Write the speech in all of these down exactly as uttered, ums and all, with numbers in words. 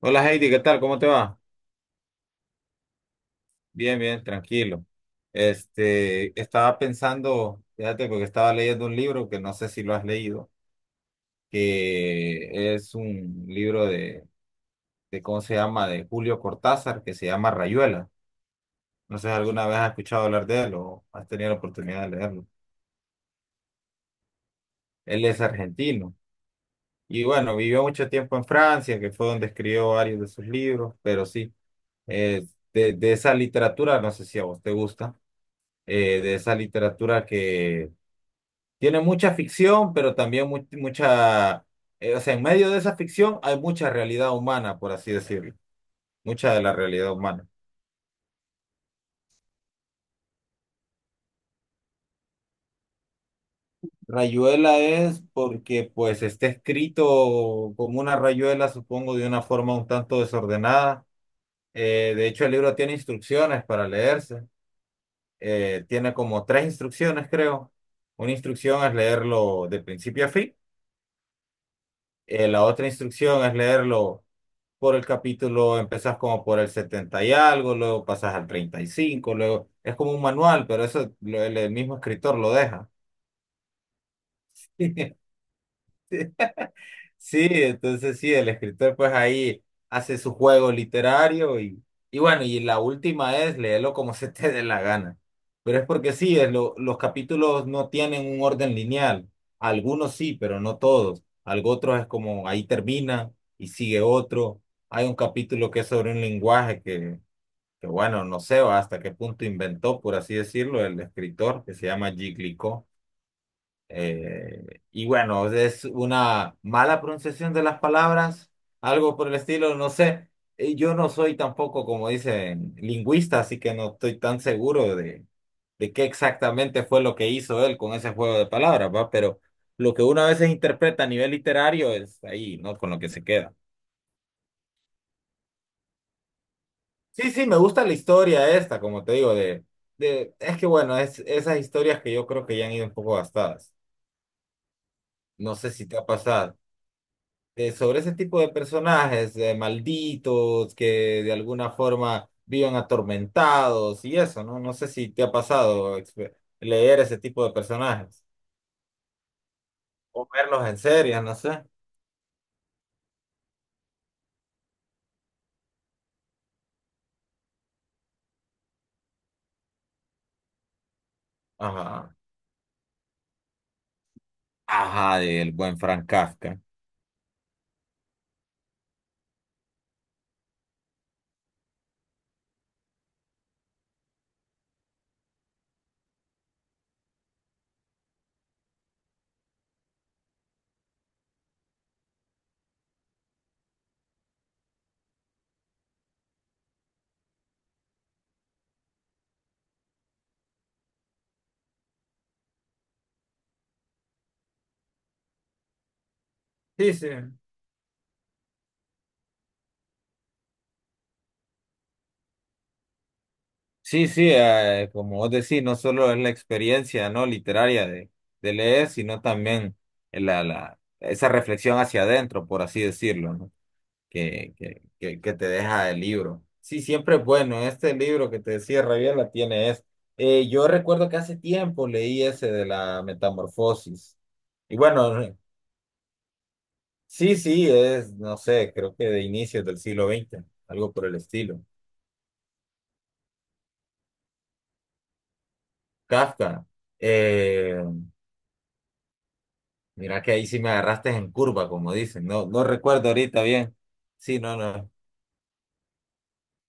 Hola Heidi, ¿qué tal? ¿Cómo te va? Bien, bien, tranquilo. Este, estaba pensando, fíjate, porque estaba leyendo un libro que no sé si lo has leído, que es un libro de, de ¿cómo se llama? De Julio Cortázar, que se llama Rayuela. No sé si alguna vez has escuchado hablar de él o has tenido la oportunidad de leerlo. Él es argentino y bueno, vivió mucho tiempo en Francia, que fue donde escribió varios de sus libros, pero sí, eh, de, de esa literatura, no sé si a vos te gusta. Eh, de esa literatura que tiene mucha ficción, pero también mu- mucha, eh, o sea, en medio de esa ficción hay mucha realidad humana, por así decirlo, mucha de la realidad humana. Rayuela es porque pues está escrito como una rayuela, supongo, de una forma un tanto desordenada. Eh, de hecho, el libro tiene instrucciones para leerse. Eh, tiene como tres instrucciones, creo. Una instrucción es leerlo de principio a fin. Eh, la otra instrucción es leerlo por el capítulo, empezás como por el setenta y algo, luego pasas al treinta y cinco luego es como un manual, pero eso lo- el, el mismo escritor lo deja. Sí, entonces sí, el escritor pues ahí hace su juego literario y, y bueno, y la última es léelo como se te dé la gana. Pero es porque sí, es lo- los capítulos no tienen un orden lineal. Algunos sí, pero no todos. Algo otro es como ahí termina y sigue otro. Hay un capítulo que es sobre un lenguaje que que bueno, no sé hasta qué punto inventó, por así decirlo, el escritor que se llama Giglico. Eh, y bueno, es una mala pronunciación de las palabras, algo por el estilo, no sé. Eh, Yo no soy tampoco, como dicen, lingüista, así que no estoy tan seguro de, de qué exactamente fue lo que hizo él con ese juego de palabras, ¿va? Pero lo que uno a veces interpreta a nivel literario es ahí, ¿no? Con lo que se queda. Sí, sí, me gusta la historia esta, como te digo, de, de, es que bueno, es esas historias que yo creo que ya han ido un poco gastadas. No sé si te ha pasado. Eh, sobre ese tipo de personajes, eh, malditos, que de alguna forma viven atormentados y eso, ¿no? No sé si te ha pasado expe- leer ese tipo de personajes o verlos en series, no sé. Ajá. Ajá, del buen Frank Kafka. Sí, sí. Sí, sí, eh, como vos decís, no solo es la experiencia no literaria de, de leer, sino también la, la, esa reflexión hacia adentro, por así decirlo, ¿no? Que, que, que, que te deja el libro. Sí, siempre es bueno. Este libro que te decía Rabiela tiene es. Eh, yo recuerdo que hace tiempo leí ese de la metamorfosis. Y bueno, eh, sí, sí, es, no sé, creo que de inicios del siglo veinte, algo por el estilo. Kafka. Eh, Mira que ahí sí me agarraste en curva, como dicen. No, no recuerdo ahorita bien. Sí, no, no.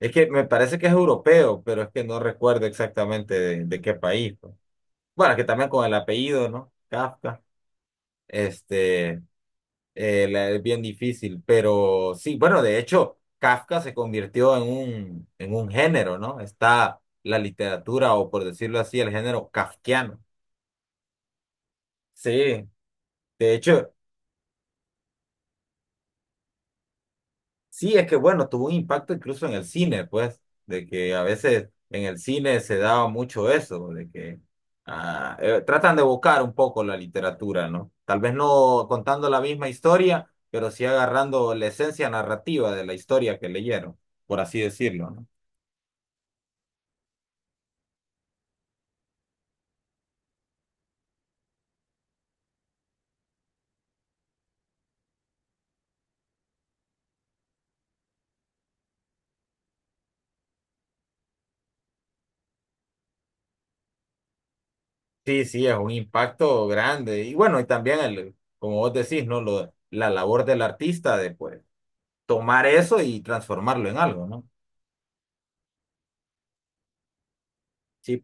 Es que me parece que es europeo, pero es que no recuerdo exactamente de, de qué país. Pues. Bueno, que también con el apellido, ¿no? Kafka. Este, eh, la- es bien difícil, pero sí, bueno, de hecho, Kafka se convirtió en un, en un género, ¿no? Está la literatura, o por decirlo así, el género kafkiano. Sí, de hecho. Sí, es que bueno, tuvo un impacto incluso en el cine, pues, de que a veces en el cine se daba mucho eso, de que ah, eh, tratan de evocar un poco la literatura, ¿no? Tal vez no contando la misma historia, pero sí agarrando la esencia narrativa de la historia que leyeron, por así decirlo, ¿no? Sí, sí, es un impacto grande. Y bueno, y también el, como vos decís, ¿no? Lo, la labor del artista de pues tomar eso y transformarlo en algo, ¿no? Sí,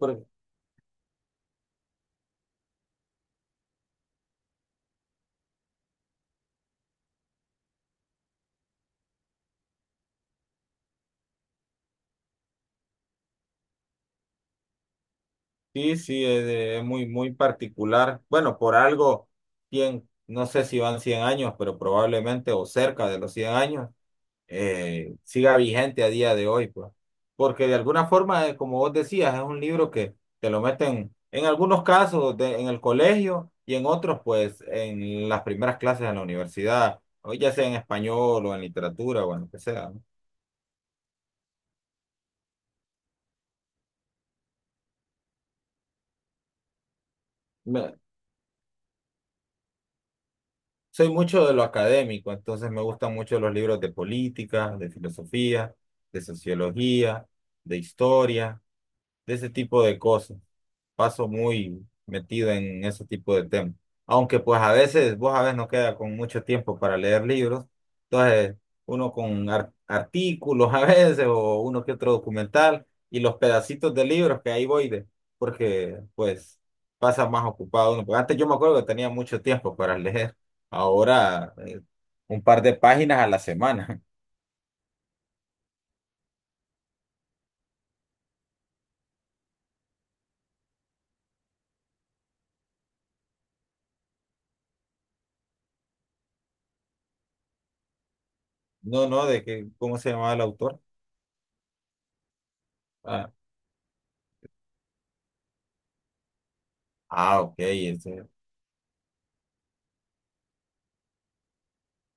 sí, sí, es, de- es muy, muy particular. Bueno, por algo, cien, no sé si van cien años, pero probablemente o cerca de los cien años, eh, siga vigente a día de hoy, pues. Porque de alguna forma, eh, como vos decías, es un libro que te lo meten en algunos casos de- en el colegio y en otros, pues, en las primeras clases en la universidad, o ya sea en español o en literatura o en lo que sea, ¿no? Soy mucho de lo académico, entonces me gustan mucho los libros de política, de filosofía, de sociología, de historia de ese tipo de cosas. Paso muy metido en ese tipo de temas. Aunque pues a veces, vos a veces no queda con mucho tiempo para leer libros. Entonces, uno con ar- artículos a veces o uno que otro documental y los pedacitos de libros que ahí voy de, porque pues pasa más ocupado uno. Porque antes yo me acuerdo que tenía mucho tiempo para leer. Ahora, eh, un par de páginas a la semana. No, no, de que, ¿cómo se llamaba el autor? Ah, ah, ok, ese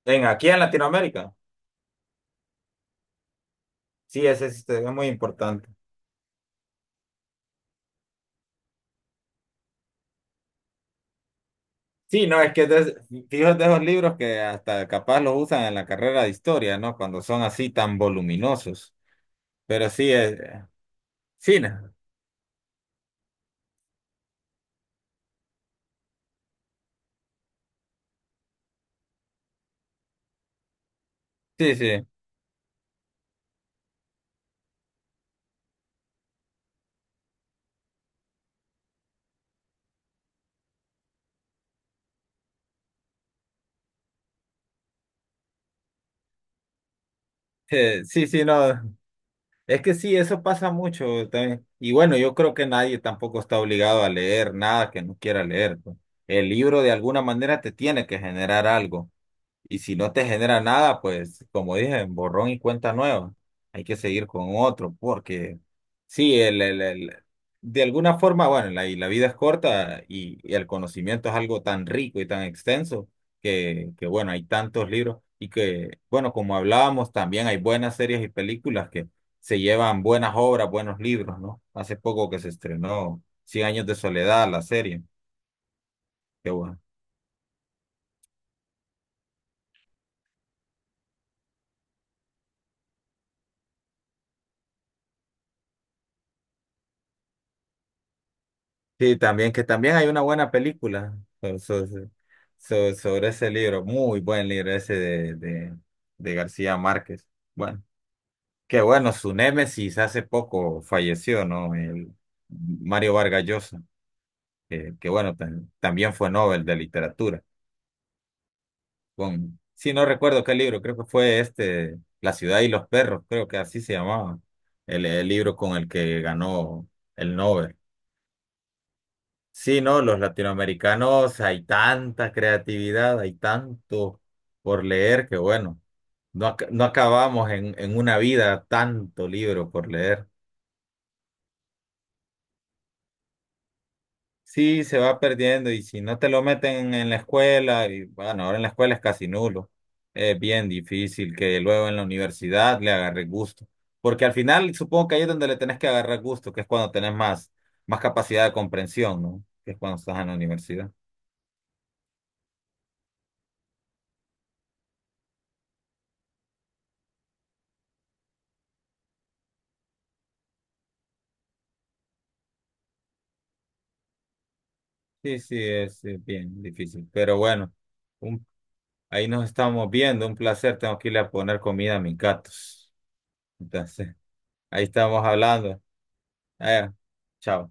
En, aquí en Latinoamérica. Sí, ese es, este, es muy importante. Sí, no, es que es de, fíjate esos libros que hasta capaz los usan en la carrera de historia, ¿no? Cuando son así tan voluminosos. Pero sí, es, sí, no, sí, sí, eh, sí, sí, no. Es que sí, eso pasa mucho también. Y bueno, yo creo que nadie tampoco está obligado a leer nada que no quiera leer. Pues. El libro de alguna manera te tiene que generar algo. Y si no te genera nada, pues como dije, borrón y cuenta nueva. Hay que seguir con otro, porque sí, el, el, el- de alguna forma, bueno, la, y la vida es corta y, y el conocimiento es algo tan rico y tan extenso que, que, bueno, hay tantos libros y que, bueno, como hablábamos, también hay buenas series y películas que se llevan buenas obras, buenos libros, ¿no? Hace poco que se estrenó Cien años de soledad, la serie. Que bueno sí, también, que también hay una buena película so- so- so- so- sobre ese libro, muy buen libro ese de, de, de García Márquez. Bueno, qué bueno, su némesis hace poco falleció, ¿no? El Mario Vargas Llosa, que, que bueno, tam- también fue Nobel de Literatura. Con, sí, no recuerdo qué libro, creo que fue este, La ciudad y los perros, creo que así se llamaba, el, el libro con el que ganó el Nobel. Sí, no, los latinoamericanos hay tanta creatividad, hay tanto por leer que bueno, no, ac- no acabamos en, en una vida tanto libro por leer. Sí, se va perdiendo y si no te lo meten en la escuela, y bueno, ahora en la escuela es casi nulo, es bien difícil que luego en la universidad le agarre gusto, porque al final supongo que ahí es donde le tenés que agarrar gusto, que es cuando tenés más, más capacidad de comprensión, ¿no? Que es cuando estás en la universidad. Sí, sí, es eh, bien difícil. Pero bueno, un- ahí nos estamos viendo. Un placer. Tengo que irle a poner comida a mis gatos. Entonces, ahí estamos hablando. Eh, chao.